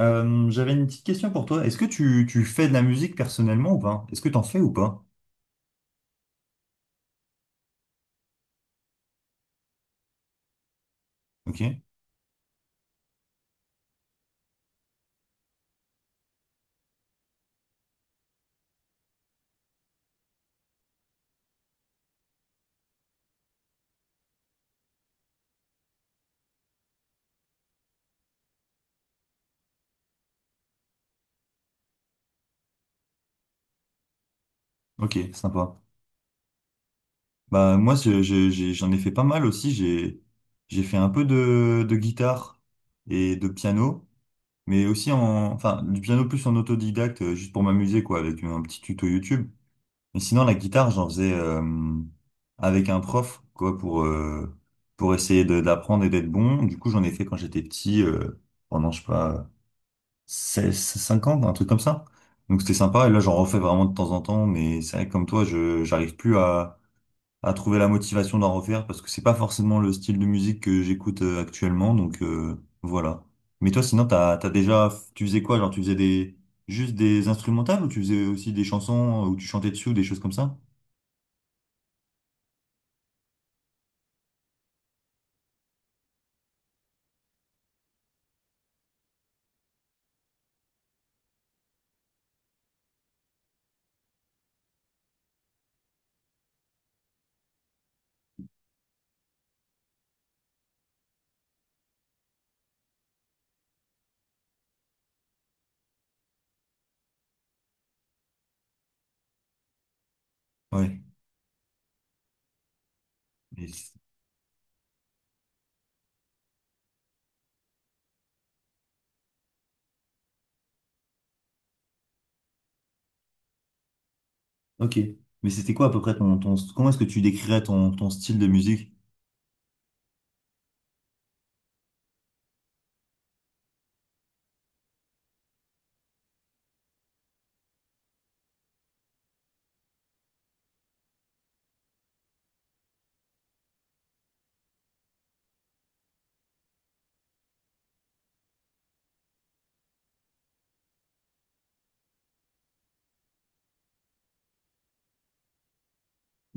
J'avais une petite question pour toi. Est-ce que tu fais de la musique personnellement ou pas? Est-ce que t'en fais ou pas? Ok, ok, sympa. Bah moi j'en ai fait pas mal aussi. J'ai fait un peu de guitare et de piano, mais aussi en enfin du piano plus en autodidacte, juste pour m'amuser quoi, avec un petit tuto YouTube. Mais sinon la guitare j'en faisais avec un prof quoi pour essayer d'apprendre et d'être bon. Du coup j'en ai fait quand j'étais petit pendant je sais pas. Seize, cinq ans un truc comme ça. Donc c'était sympa. Et là, j'en refais vraiment de temps en temps. Mais c'est vrai que comme toi, je j'arrive plus à trouver la motivation d'en refaire parce que c'est pas forcément le style de musique que j'écoute actuellement. Voilà. Mais toi, sinon, t'as déjà, tu faisais quoi? Genre, tu faisais des, juste des instrumentales ou tu faisais aussi des chansons où tu chantais dessus ou des choses comme ça? Ouais. Mais c'est- Ok. Mais c'était quoi à peu près ton, comment est-ce que tu décrirais ton style de musique?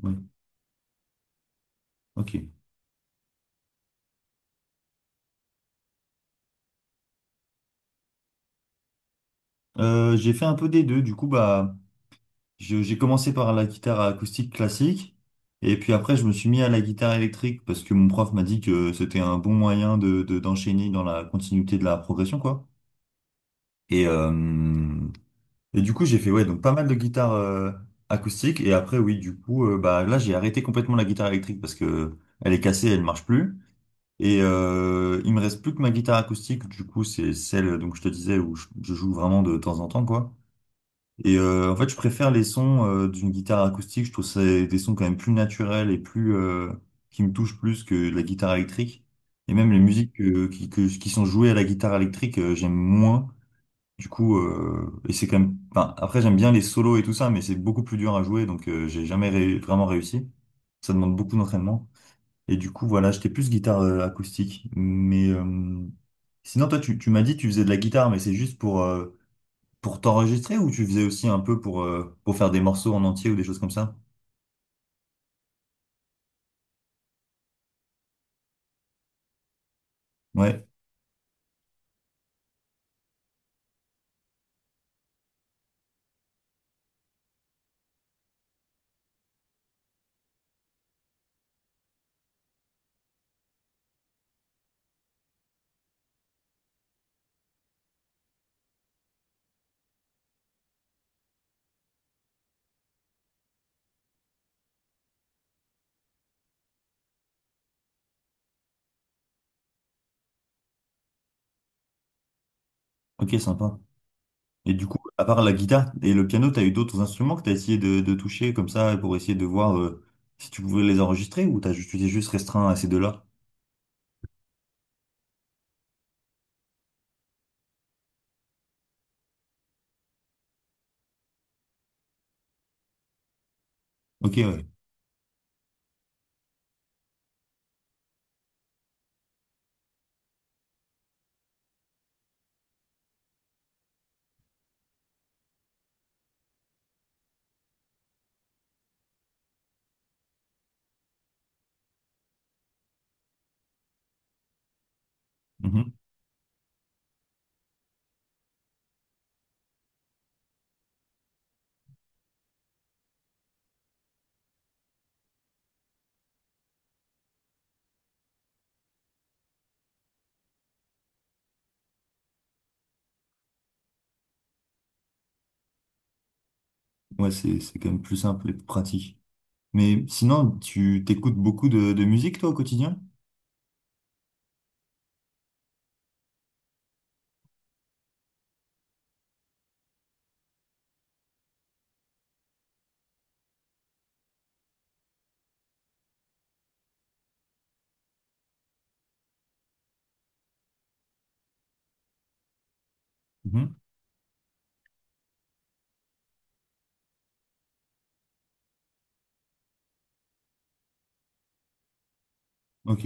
Ouais. Ok. J'ai fait un peu des deux. Du coup, bah. J'ai commencé par la guitare acoustique classique et puis après je me suis mis à la guitare électrique parce que mon prof m'a dit que c'était un bon moyen de, d'enchaîner dans la continuité de la progression quoi. Et, euh, et du coup j'ai fait ouais donc pas mal de guitare acoustique et après oui du coup bah là j'ai arrêté complètement la guitare électrique parce que elle est cassée, elle marche plus et il me reste plus que ma guitare acoustique du coup c'est celle donc je te disais où je joue vraiment de temps en temps quoi. Et en fait, je préfère les sons d'une guitare acoustique. Je trouve ça des sons quand même plus naturels et plus qui me touchent plus que de la guitare électrique. Et même les Mhm. musiques qui, qui sont jouées à la guitare électrique, j'aime moins. Du coup, et c'est quand même. Enfin, après, j'aime bien les solos et tout ça, mais c'est beaucoup plus dur à jouer, donc j'ai jamais vraiment réussi. Ça demande beaucoup d'entraînement. Et du coup, voilà, j'étais plus guitare acoustique. Mais sinon, toi, tu m'as dit que tu faisais de la guitare, mais c'est juste pour t'enregistrer ou tu faisais aussi un peu pour faire des morceaux en entier ou des choses comme ça? Ouais, ok, sympa. Et du coup, à part la guitare et le piano, t'as eu d'autres instruments que t'as essayé de toucher comme ça pour essayer de voir si tu pouvais les enregistrer ou ju- tu t'es juste restreint à ces deux-là? Ok, ouais. Mhm. Ouais, c'est quand même plus simple et plus pratique. Mais sinon, tu t'écoutes beaucoup de musique, toi, au quotidien? Ok,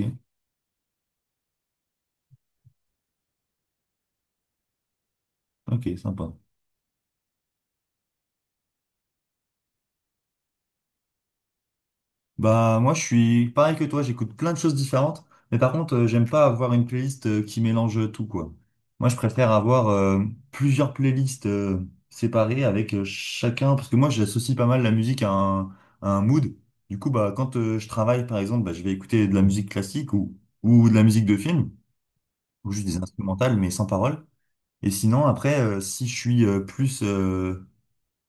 ok, sympa. Bah moi je suis pareil que toi, j'écoute plein de choses différentes, mais par contre j'aime pas avoir une playlist qui mélange tout quoi. Moi je préfère avoir plusieurs playlists séparées avec chacun, parce que moi j'associe pas mal la musique à un mood. Du coup bah quand je travaille par exemple, bah, je vais écouter de la musique classique ou de la musique de film, ou juste des instrumentales mais sans paroles. Et sinon après si je suis plus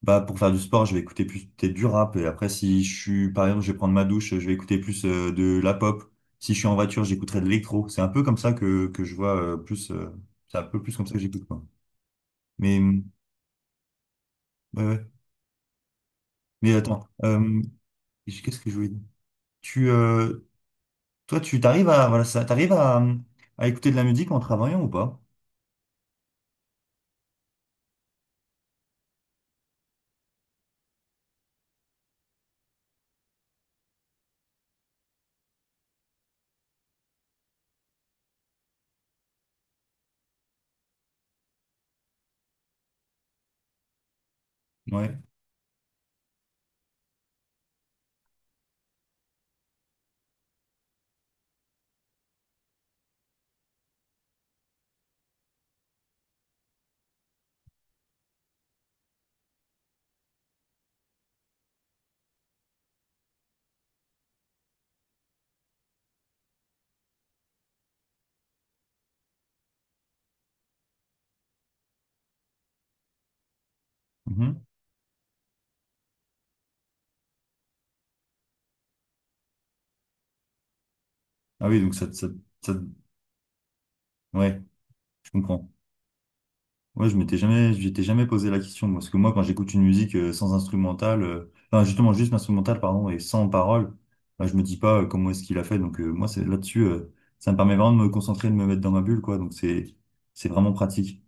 bah, pour faire du sport, je vais écouter plus peut-être du rap. Et après, si je suis, par exemple, je vais prendre ma douche, je vais écouter plus de la pop. Si je suis en voiture, j'écouterai de l'électro. C'est un peu comme ça que je vois plus. C'est un peu plus comme ça que j'écoute, quoi. Mais, ouais, ouais. Mais attends, qu'est-ce que je voulais dire? Tu, euh, toi, tu t'arrives à, voilà, ça, t'arrives à écouter de la musique en travaillant ou pas? Ouais. Mhm. Ah oui, donc ça, ouais, je comprends. Ouais, je m'étais jamais, j'étais jamais posé la question parce que moi, quand j'écoute une musique sans instrumental, enfin justement juste instrumental pardon et sans parole, bah, je me dis pas comment est-ce qu'il a fait. Donc moi, c'est là-dessus, ça me permet vraiment de me concentrer, de me mettre dans ma bulle, quoi. Donc c'est vraiment pratique.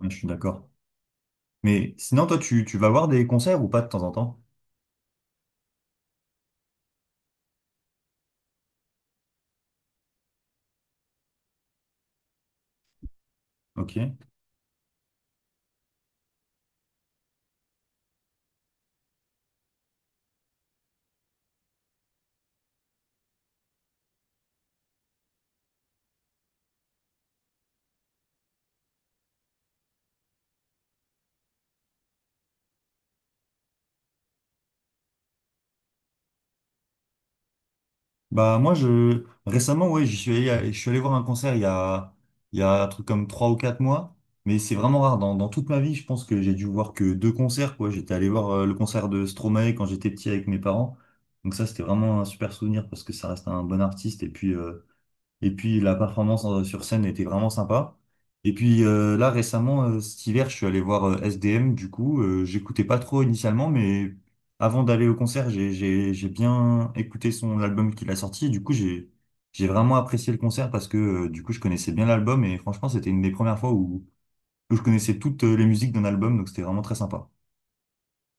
Ouais, je suis d'accord. Mais sinon, toi, tu vas voir des concerts ou pas de temps en temps? Ok. Bah moi je récemment ouais j'y suis allé à- je suis allé voir un concert il y a un truc comme trois ou quatre mois mais c'est vraiment rare dans, dans toute ma vie je pense que j'ai dû voir que deux concerts quoi j'étais allé voir le concert de Stromae quand j'étais petit avec mes parents donc ça c'était vraiment un super souvenir parce que ça reste un bon artiste et puis la performance sur scène était vraiment sympa. Et puis là récemment, cet hiver, je suis allé voir SDM. Du coup, j'écoutais pas trop initialement, mais avant d'aller au concert, j'ai bien écouté son album qu'il a sorti. Du coup, j'ai vraiment apprécié le concert parce que du coup, je connaissais bien l'album et franchement, c'était une des premières fois où je connaissais toutes les musiques d'un album, donc c'était vraiment très sympa.